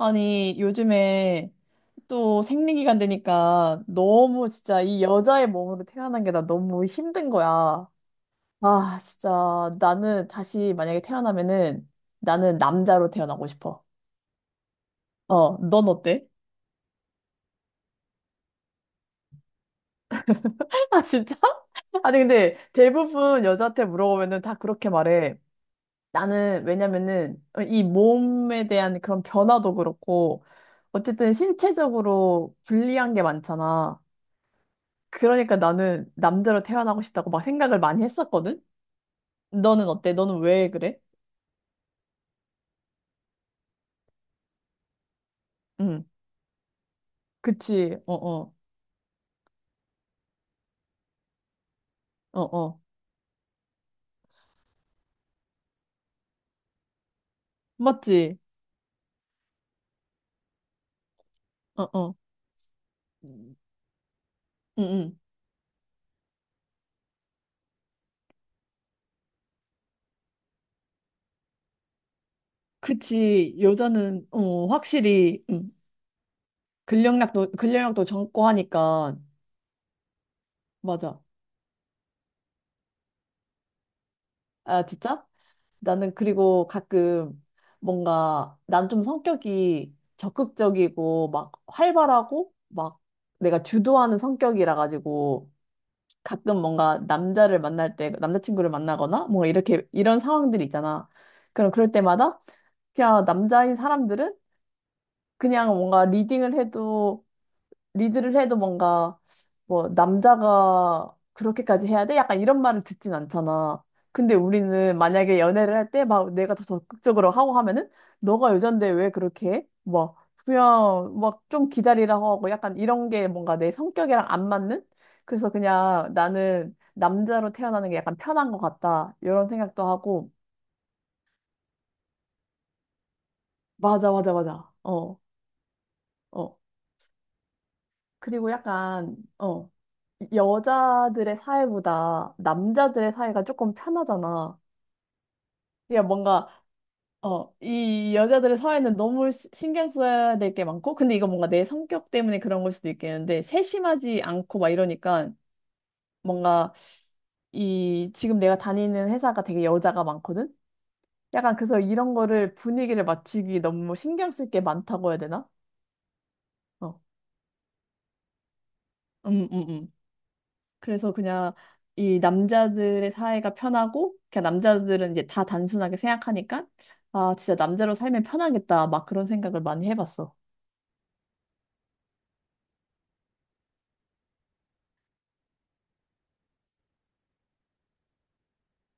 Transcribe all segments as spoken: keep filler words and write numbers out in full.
아니, 요즘에 또 생리기간 되니까 너무 진짜 이 여자의 몸으로 태어난 게 나 너무 힘든 거야. 아, 진짜 나는 다시 만약에 태어나면은 나는 남자로 태어나고 싶어. 어, 넌 어때? 아, 진짜? 아니, 근데 대부분 여자한테 물어보면은 다 그렇게 말해. 나는 왜냐면은 이 몸에 대한 그런 변화도 그렇고 어쨌든 신체적으로 불리한 게 많잖아. 그러니까 나는 남자로 태어나고 싶다고 막 생각을 많이 했었거든? 너는 어때? 너는 왜 그래? 응, 그치, 어어, 어어. 맞지? 어어. 응, 응. 그치, 여자는, 어, 확실히, 응. 근력량도, 근력량도 적고 하니까. 맞아. 아, 진짜? 나는 그리고 가끔 뭔가, 난 좀 성격이 적극적이고, 막 활발하고, 막 내가 주도하는 성격이라 가지고, 가끔 뭔가 남자를 만날 때 남자친구를 만나거나 뭐 이렇게 이런 상황들이 있잖아. 그럼 그럴 때마다 그냥 남자인 사람들은 그냥 뭔가 리딩을 해도 리드를 해도 뭔가 뭐 남자가 그렇게까지 해야 돼? 약간 이런 말을 듣진 않잖아. 근데 우리는 만약에 연애를 할 때 막 내가 더 적극적으로 하고 하면은 너가 여잔데 왜 그렇게 해? 뭐 그냥 막 좀 기다리라고 하고 약간 이런 게 뭔가 내 성격이랑 안 맞는? 그래서 그냥 나는 남자로 태어나는 게 약간 편한 것 같다. 이런 생각도 하고 맞아 맞아 맞아. 어. 어. 그리고 약간, 어, 여자들의 사회보다 남자들의 사회가 조금 편하잖아. 그러니까 뭔가, 어, 이 여자들의 사회는 너무 시- 신경 써야 될 게 많고, 근데 이거 뭔가 내 성격 때문에 그런 걸 수도 있겠는데, 세심하지 않고 막 이러니까, 뭔가 이, 지금 내가 다니는 회사가 되게 여자가 많거든? 약간 그래서 이런 거를 분위기를 맞추기 너무 신경 쓸 게 많다고 해야 되나? 어, 음, 음, 음. 그래서 그냥 이 남자들의 사회가 편하고, 그냥 남자들은 이제 다 단순하게 생각하니까, 아, 진짜 남자로 살면 편하겠다. 막 그런 생각을 많이 해봤어.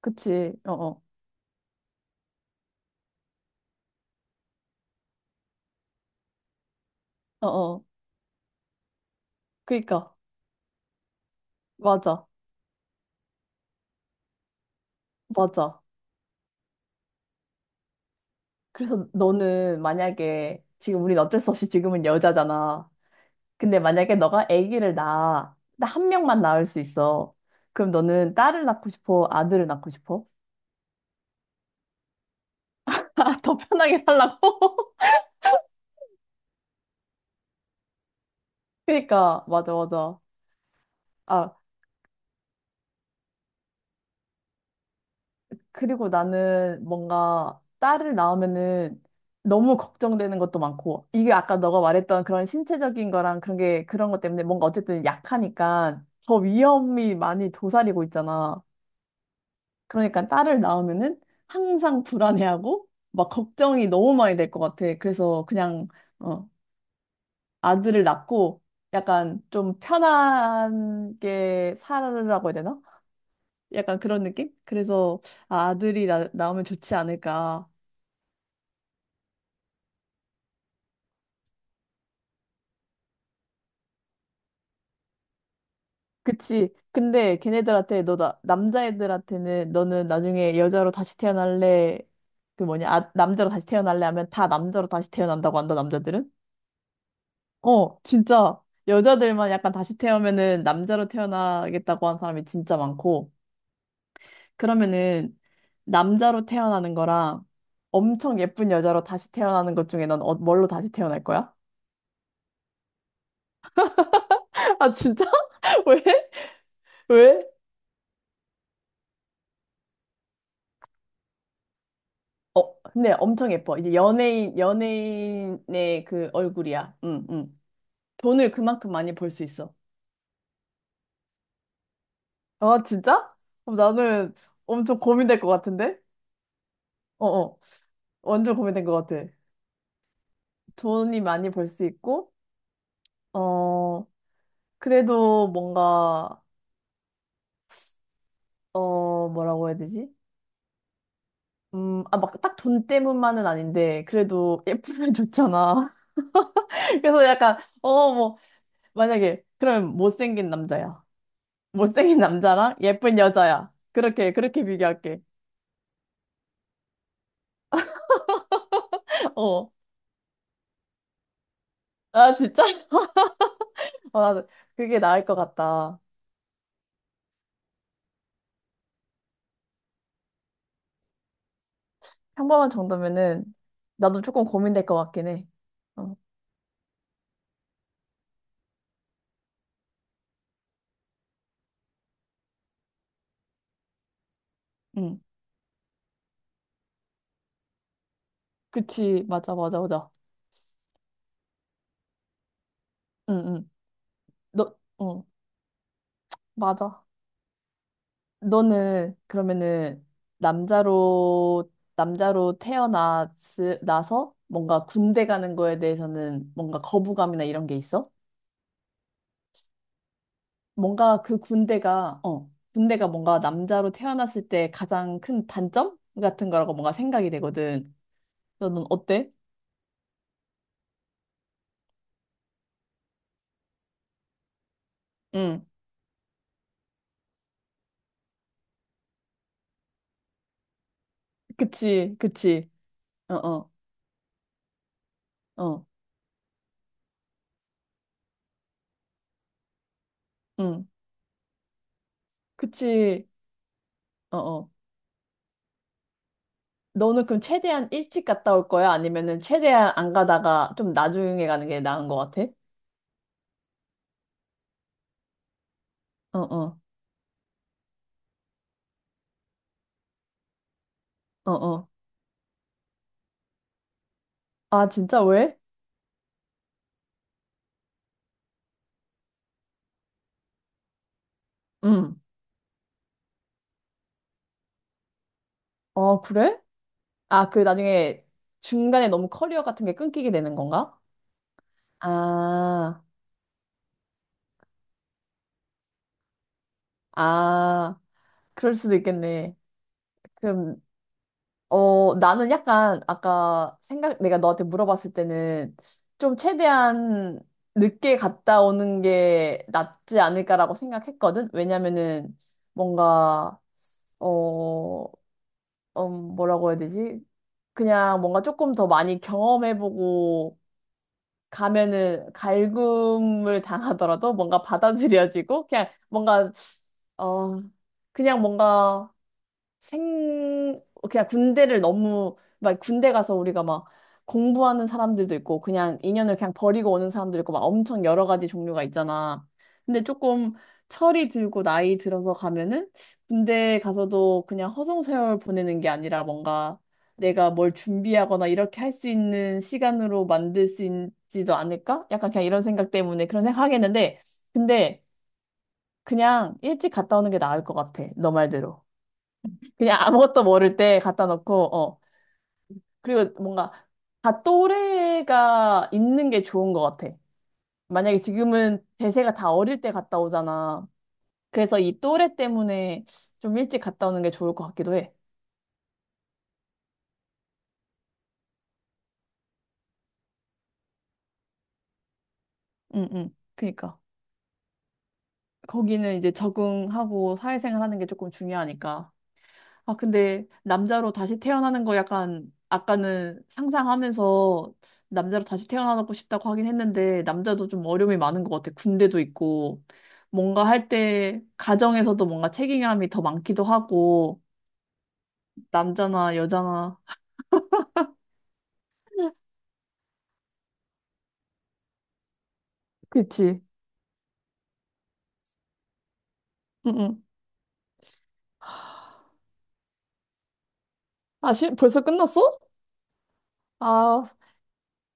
그치? 어어. 어어. 그니까. 맞아. 맞아. 그래서 너는 만약에, 지금 우린 어쩔 수 없이 지금은 여자잖아. 근데 만약에 너가 아기를 낳아. 나 한 명만 낳을 수 있어. 그럼 너는 딸을 낳고 싶어? 아들을 낳고 싶어? 더 편하게 살라고? 그니까. 맞아, 맞아. 아, 그리고 나는 뭔가 딸을 낳으면은 너무 걱정되는 것도 많고, 이게 아까 너가 말했던 그런 신체적인 거랑 그런 게, 그런 것 때문에 뭔가 어쨌든 약하니까 더 위험이 많이 도사리고 있잖아. 그러니까 딸을 낳으면은 항상 불안해하고, 막 걱정이 너무 많이 될 것 같아. 그래서 그냥, 어, 아들을 낳고, 약간 좀 편하게 살아라고 해야 되나? 약간 그런 느낌? 그래서 아, 아들이 나, 나오면 좋지 않을까. 그치. 근데 걔네들한테 너 나, 남자애들한테는 너는 나중에 여자로 다시 태어날래 그 뭐냐 아, 남자로 다시 태어날래 하면 다 남자로 다시 태어난다고 한다 남자들은? 어 진짜 여자들만 약간 다시 태어면은 남자로 태어나겠다고 한 사람이 진짜 많고 그러면은 남자로 태어나는 거랑 엄청 예쁜 여자로 다시 태어나는 것 중에 넌 어, 뭘로 다시 태어날 거야? 아 진짜? 왜? 왜? 어, 근데 엄청 예뻐. 이제 연예인, 연예인의 그 얼굴이야. 응, 응. 돈을 그만큼 많이 벌 수 있어. 아, 진짜? 그럼 나는 엄청 고민될 것 같은데? 어, 어. 완전 고민된 것 같아. 돈이 많이 벌 수 있고, 어, 그래도 뭔가, 어, 뭐라고 해야 되지? 음, 아, 막 딱 돈 때문만은 아닌데, 그래도 예쁘면 좋잖아. 그래서 약간, 어, 뭐, 만약에, 그럼 못생긴 남자야. 못생긴 남자랑 예쁜 여자야. 그렇게, 그렇게 비교할게. 어. 아, 진짜? 어, 나도 그게 나을 것 같다. 평범한 정도면은 나도 조금 고민될 것 같긴 해. 어, 응. 그치. 맞아, 맞아, 맞아. 응, 응. 너, 응. 맞아. 너는 그러면은 남자로, 남자로 태어나서 뭔가 군대 가는 거에 대해서는 뭔가 거부감이나 이런 게 있어? 뭔가 그 군대가, 어, 군대가 뭔가 남자로 태어났을 때 가장 큰 단점 같은 거라고 뭔가 생각이 되거든. 너는 어때? 응. 그치, 그치. 어, 어, 어, 응. 그치, 어, 어. 너는 그럼 최대한 일찍 갔다 올 거야? 아니면은 최대한 안 가다가 좀 나중에 가는 게 나은 것 같아? 어, 어, 어, 어. 아, 진짜 왜? 응. 어, 그래? 아, 그 나중에 중간에 너무 커리어 같은 게 끊기게 되는 건가? 아, 아. 그럴 수도 있겠네. 그럼, 어, 나는 약간 아까 생각, 내가 너한테 물어봤을 때는 좀 최대한 늦게 갔다 오는 게 낫지 않을까라고 생각했거든? 왜냐면은 뭔가, 어, 음, 뭐라고 해야 되지? 그냥 뭔가 조금 더 많이 경험해보고 가면은 갈굼을 당하더라도 뭔가 받아들여지고 그냥 뭔가, 어, 그냥 뭔가 생, 그냥 군대를 너무, 막 군대 가서 우리가 막 공부하는 사람들도 있고, 그냥 인연을 그냥 버리고 오는 사람도 있고, 막 엄청 여러 가지 종류가 있잖아. 근데 조금 철이 들고 나이 들어서 가면은 군대 가서도 그냥 허송세월 보내는 게 아니라 뭔가 내가 뭘 준비하거나 이렇게 할 수 있는 시간으로 만들 수 있지도 않을까? 약간 그냥 이런 생각 때문에 그런 생각 하겠는데, 근데 그냥 일찍 갔다 오는 게 나을 것 같아. 너 말대로. 그냥 아무것도 모를 때 갖다 놓고, 어. 그리고 뭔가 다 또래가 있는 게 좋은 것 같아. 만약에 지금은 대세가 다 어릴 때 갔다 오잖아. 그래서 이 또래 때문에 좀 일찍 갔다 오는 게 좋을 것 같기도 해. 응, 응. 그니까. 거기는 이제 적응하고 사회생활 하는 게 조금 중요하니까. 아, 근데 남자로 다시 태어나는 거 약간 아까는 상상하면서 남자로 다시 태어나고 싶다고 하긴 했는데 남자도 좀 어려움이 많은 것 같아. 군대도 있고 뭔가 할 때 가정에서도 뭔가 책임감이 더 많기도 하고 남자나 여자나 그치? 응응. 아, 시, 벌써 끝났어? 아,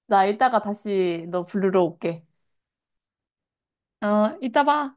나 이따가 다시 너 부르러 올게. 어, 이따 봐.